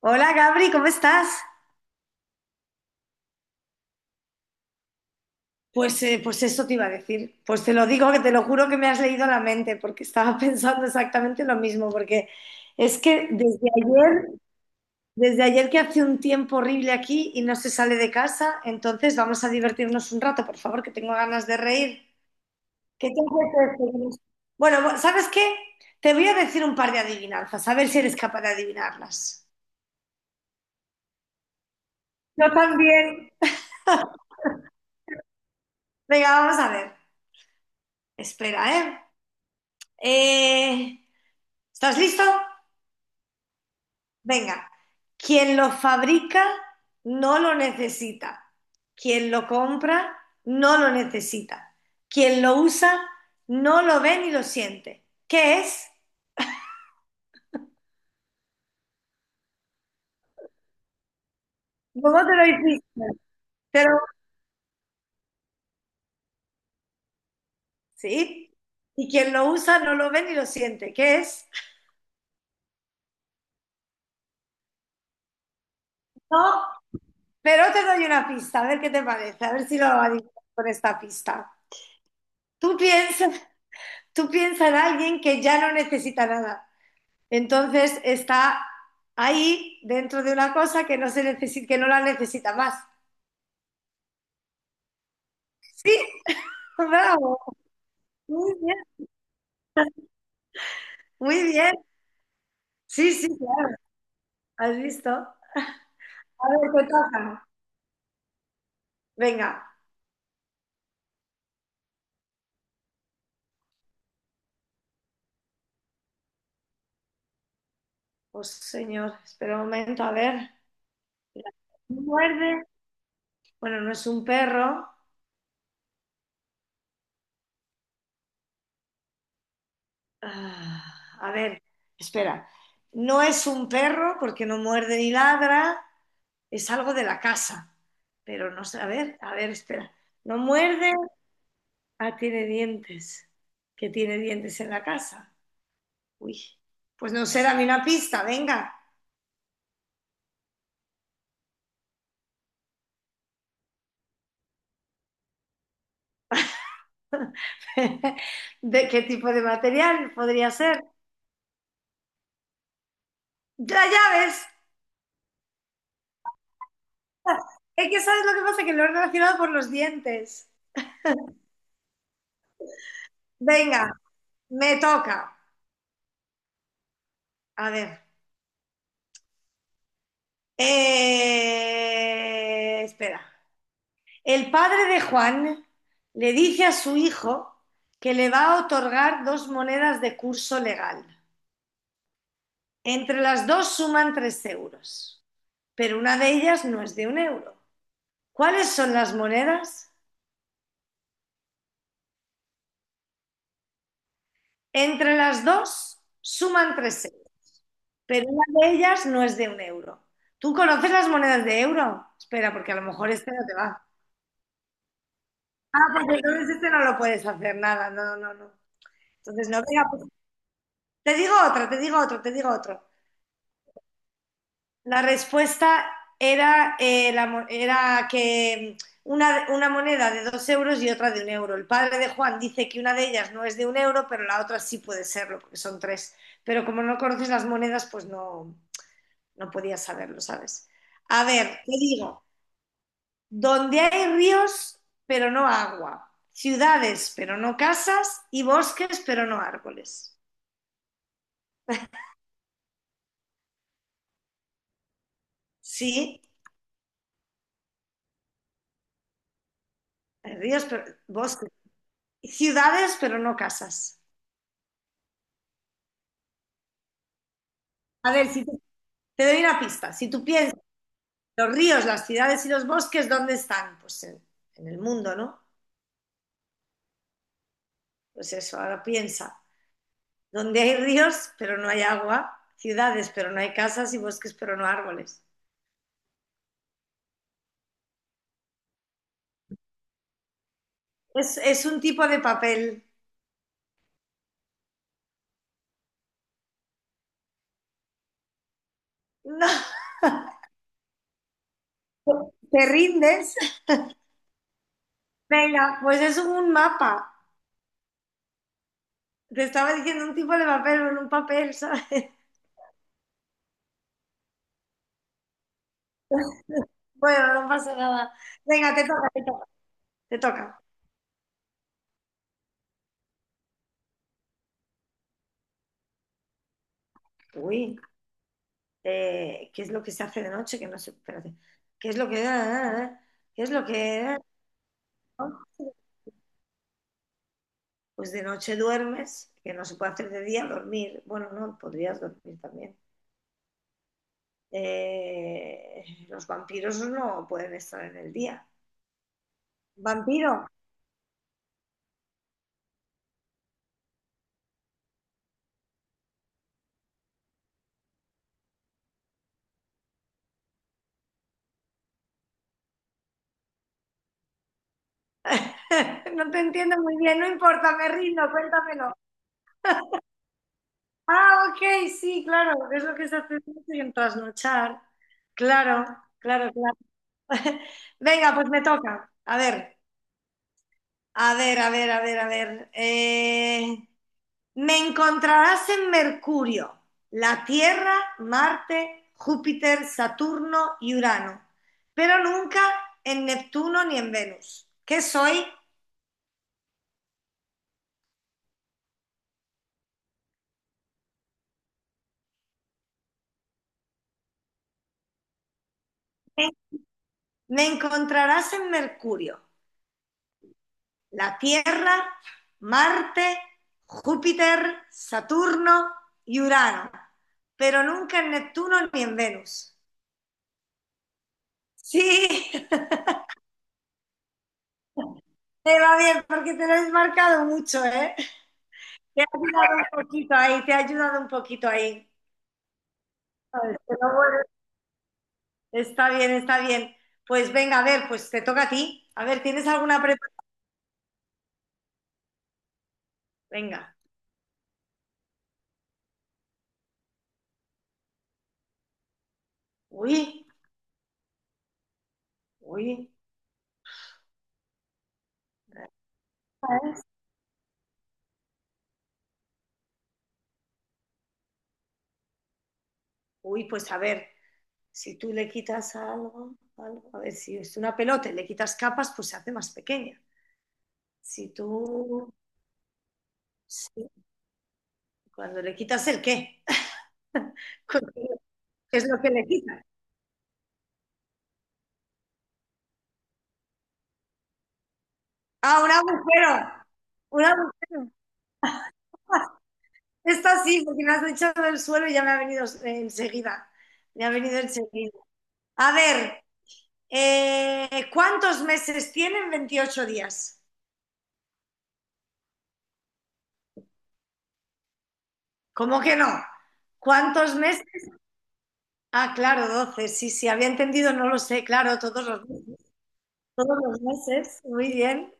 Hola Gabri, ¿cómo estás? Pues eso te iba a decir. Pues te lo digo, que te lo juro que me has leído la mente, porque estaba pensando exactamente lo mismo, porque es que desde ayer que hace un tiempo horrible aquí y no se sale de casa, entonces vamos a divertirnos un rato, por favor, que tengo ganas de reír. ¿Qué te apetece? Bueno, ¿sabes qué? Te voy a decir un par de adivinanzas, a ver si eres capaz de adivinarlas. Yo también. Venga, vamos a ver. Espera, ¿eh? Eh, ¿Estás listo? Venga. Quien lo fabrica no lo necesita. Quien lo compra no lo necesita. Quien lo usa no lo ve ni lo siente. ¿Qué es? ¿Cómo te lo hiciste? Pero, sí. Y quien lo usa no lo ve ni lo siente. ¿Qué es? No, pero te doy una pista, a ver qué te parece, a ver si lo adivinas con esta pista. Tú piensas, tú piensas en alguien que ya no necesita nada. Entonces está ahí dentro de una cosa que no se necesita, que no la necesita más. Sí, bravo, muy bien, muy bien. Sí, sí, claro, has visto. A ver, te toca. Venga, pues señor, espera un momento, a ver. Mira, muerde. Bueno, no es un perro. Ah, a ver, espera. No es un perro porque no muerde ni ladra, es algo de la casa. Pero no sé, a ver, espera. No muerde, ah, tiene dientes. ¿Qué tiene dientes en la casa? Uy, pues no sé, dame una pista, venga. ¿De qué tipo de material podría ser? Las llaves. Es que sabes lo que pasa, que lo he relacionado por los dientes. Venga, me toca. A ver. Espera. El padre de Juan le dice a su hijo que le va a otorgar dos monedas de curso legal. Entre las dos suman 3 euros, pero una de ellas no es de 1 euro. ¿Cuáles son las monedas? Entre las dos suman tres euros, pero una de ellas no es de un euro. ¿Tú conoces las monedas de euro? Espera, porque a lo mejor este no te va. Ah, porque entonces este no lo puedes hacer nada. No, no, no. Entonces no, venga, pues, te digo otra, te digo otra, te digo otra. La respuesta era que una moneda de 2 euros y otra de 1 euro. El padre de Juan dice que una de ellas no es de un euro, pero la otra sí puede serlo, porque son tres. Pero como no conoces las monedas, pues no, no podías saberlo, ¿sabes? A ver, te digo, donde hay ríos, pero no agua, ciudades, pero no casas, y bosques, pero no árboles. Sí, hay ríos, pero bosques, ciudades, pero no casas. A ver, si te te doy una pista. Si tú piensas, los ríos, las ciudades y los bosques, ¿dónde están? Pues en el mundo, ¿no? Pues eso, ahora piensa. Donde hay ríos, pero no hay agua, ciudades, pero no hay casas y bosques, pero no árboles. Es un tipo de papel. No, ¿te rindes? Venga, pues es un mapa. Te estaba diciendo un tipo de papel, en un papel, ¿sabes? Bueno, no pasa nada. Venga, te toca, te toca, te toca. Uy. ¿Qué es lo que se hace de noche, que no sé, espérate, qué es lo que? Qué es lo que, ah, ah? Pues de noche duermes, que no se puede hacer de día, dormir, bueno, no, podrías dormir también. Los vampiros no pueden estar en el día. Vampiro, no te entiendo muy bien, no importa, me rindo, cuéntamelo. Ah, ok, sí, claro, es lo que se hace de noche en trasnochar. Claro, claro, claro. Venga, pues me toca. A ver. A ver, a ver, a ver, a ver. Me encontrarás en Mercurio, la Tierra, Marte, Júpiter, Saturno y Urano, pero nunca en Neptuno ni en Venus. ¿Qué soy? Me me encontrarás en Mercurio, la Tierra, Marte, Júpiter, Saturno y Urano, pero nunca en Neptuno ni en Venus. Sí, te va bien porque te lo has marcado mucho, ¿eh? Te ha ayudado un poquito ahí, te ha ayudado un poquito ahí. Pero bueno, está bien, está bien. Pues venga, a ver, pues te toca a ti. A ver, ¿tienes alguna preparada? Venga. Uy, uy. Esta es. Uy, pues a ver, si tú le quitas algo, algo, a ver, si es una pelota y le quitas capas, pues se hace más pequeña. Si tú, sí, cuando le quitas el qué, ¿qué es lo que le quitas? Ah, un agujero, un agujero. Esta sí, porque me has echado del suelo y ya me ha venido enseguida. Me ha venido enseguida. A ver, ¿cuántos meses tienen 28 días? ¿Cómo que no? ¿Cuántos meses? Ah, claro, 12. Sí, sí, había entendido, no lo sé. Claro, todos los meses. Todos los meses. Muy bien.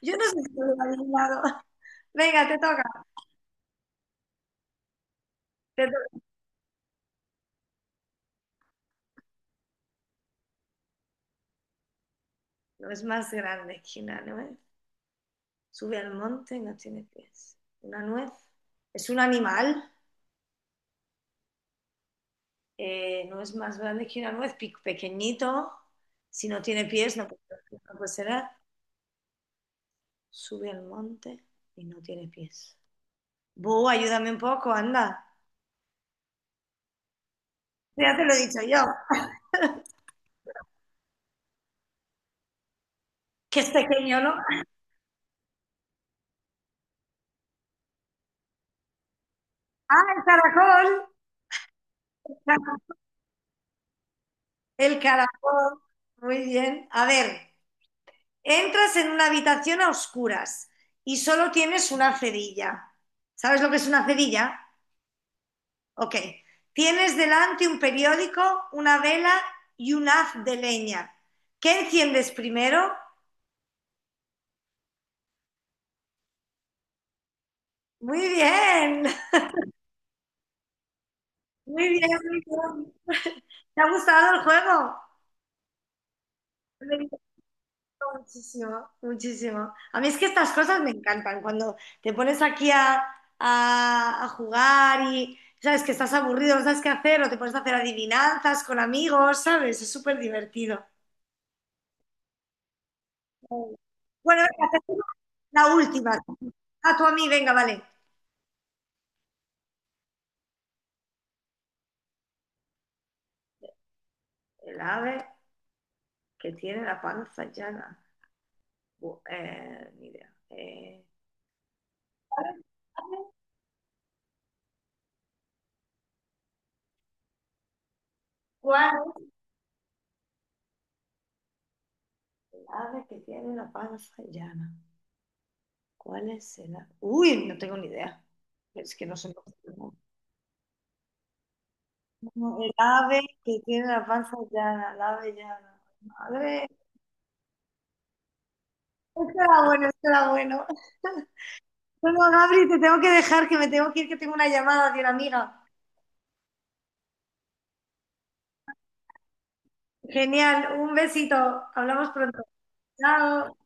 Yo no sé si lo he adivinado. Venga, te toca. Te toca. No es más grande que una nuez. Sube al monte y no tiene pies. Una nuez. Es un animal. No es más grande que una nuez, pequeñito, si no tiene pies, no puede ser, sube al monte y no tiene pies. Ayúdame un poco, anda. Ya te lo he dicho yo, que es pequeño, ¿no? Ah, el caracol, muy bien. A ver, entras en una habitación a oscuras y solo tienes una cerilla. ¿Sabes lo que es una cerilla? Ok. Tienes delante un periódico, una vela y un haz de leña. ¿Qué enciendes primero? Muy bien, muy bien, muy bien. ¿Te ha gustado el juego? Me encantó muchísimo, muchísimo. A mí es que estas cosas me encantan. Cuando te pones aquí a jugar y sabes que estás aburrido, no sabes qué hacer, o te pones a hacer adivinanzas con amigos, ¿sabes? Es súper divertido. Bueno, venga, te hago la última. A tu amiga, venga, vale. El ave que tiene la panza llana. Ni idea. ¿Cuál? El ave que tiene la panza llana. ¿Cuál es el ave? Uy, no tengo ni idea. Es que no sé. No, no, el ave que tiene la panza llana, el ave llana. Madre. Esto era bueno, esto era bueno. Bueno, Gabri, te tengo que dejar, que me tengo que ir, que tengo una llamada de una amiga. Genial, un besito. Hablamos pronto. Chao.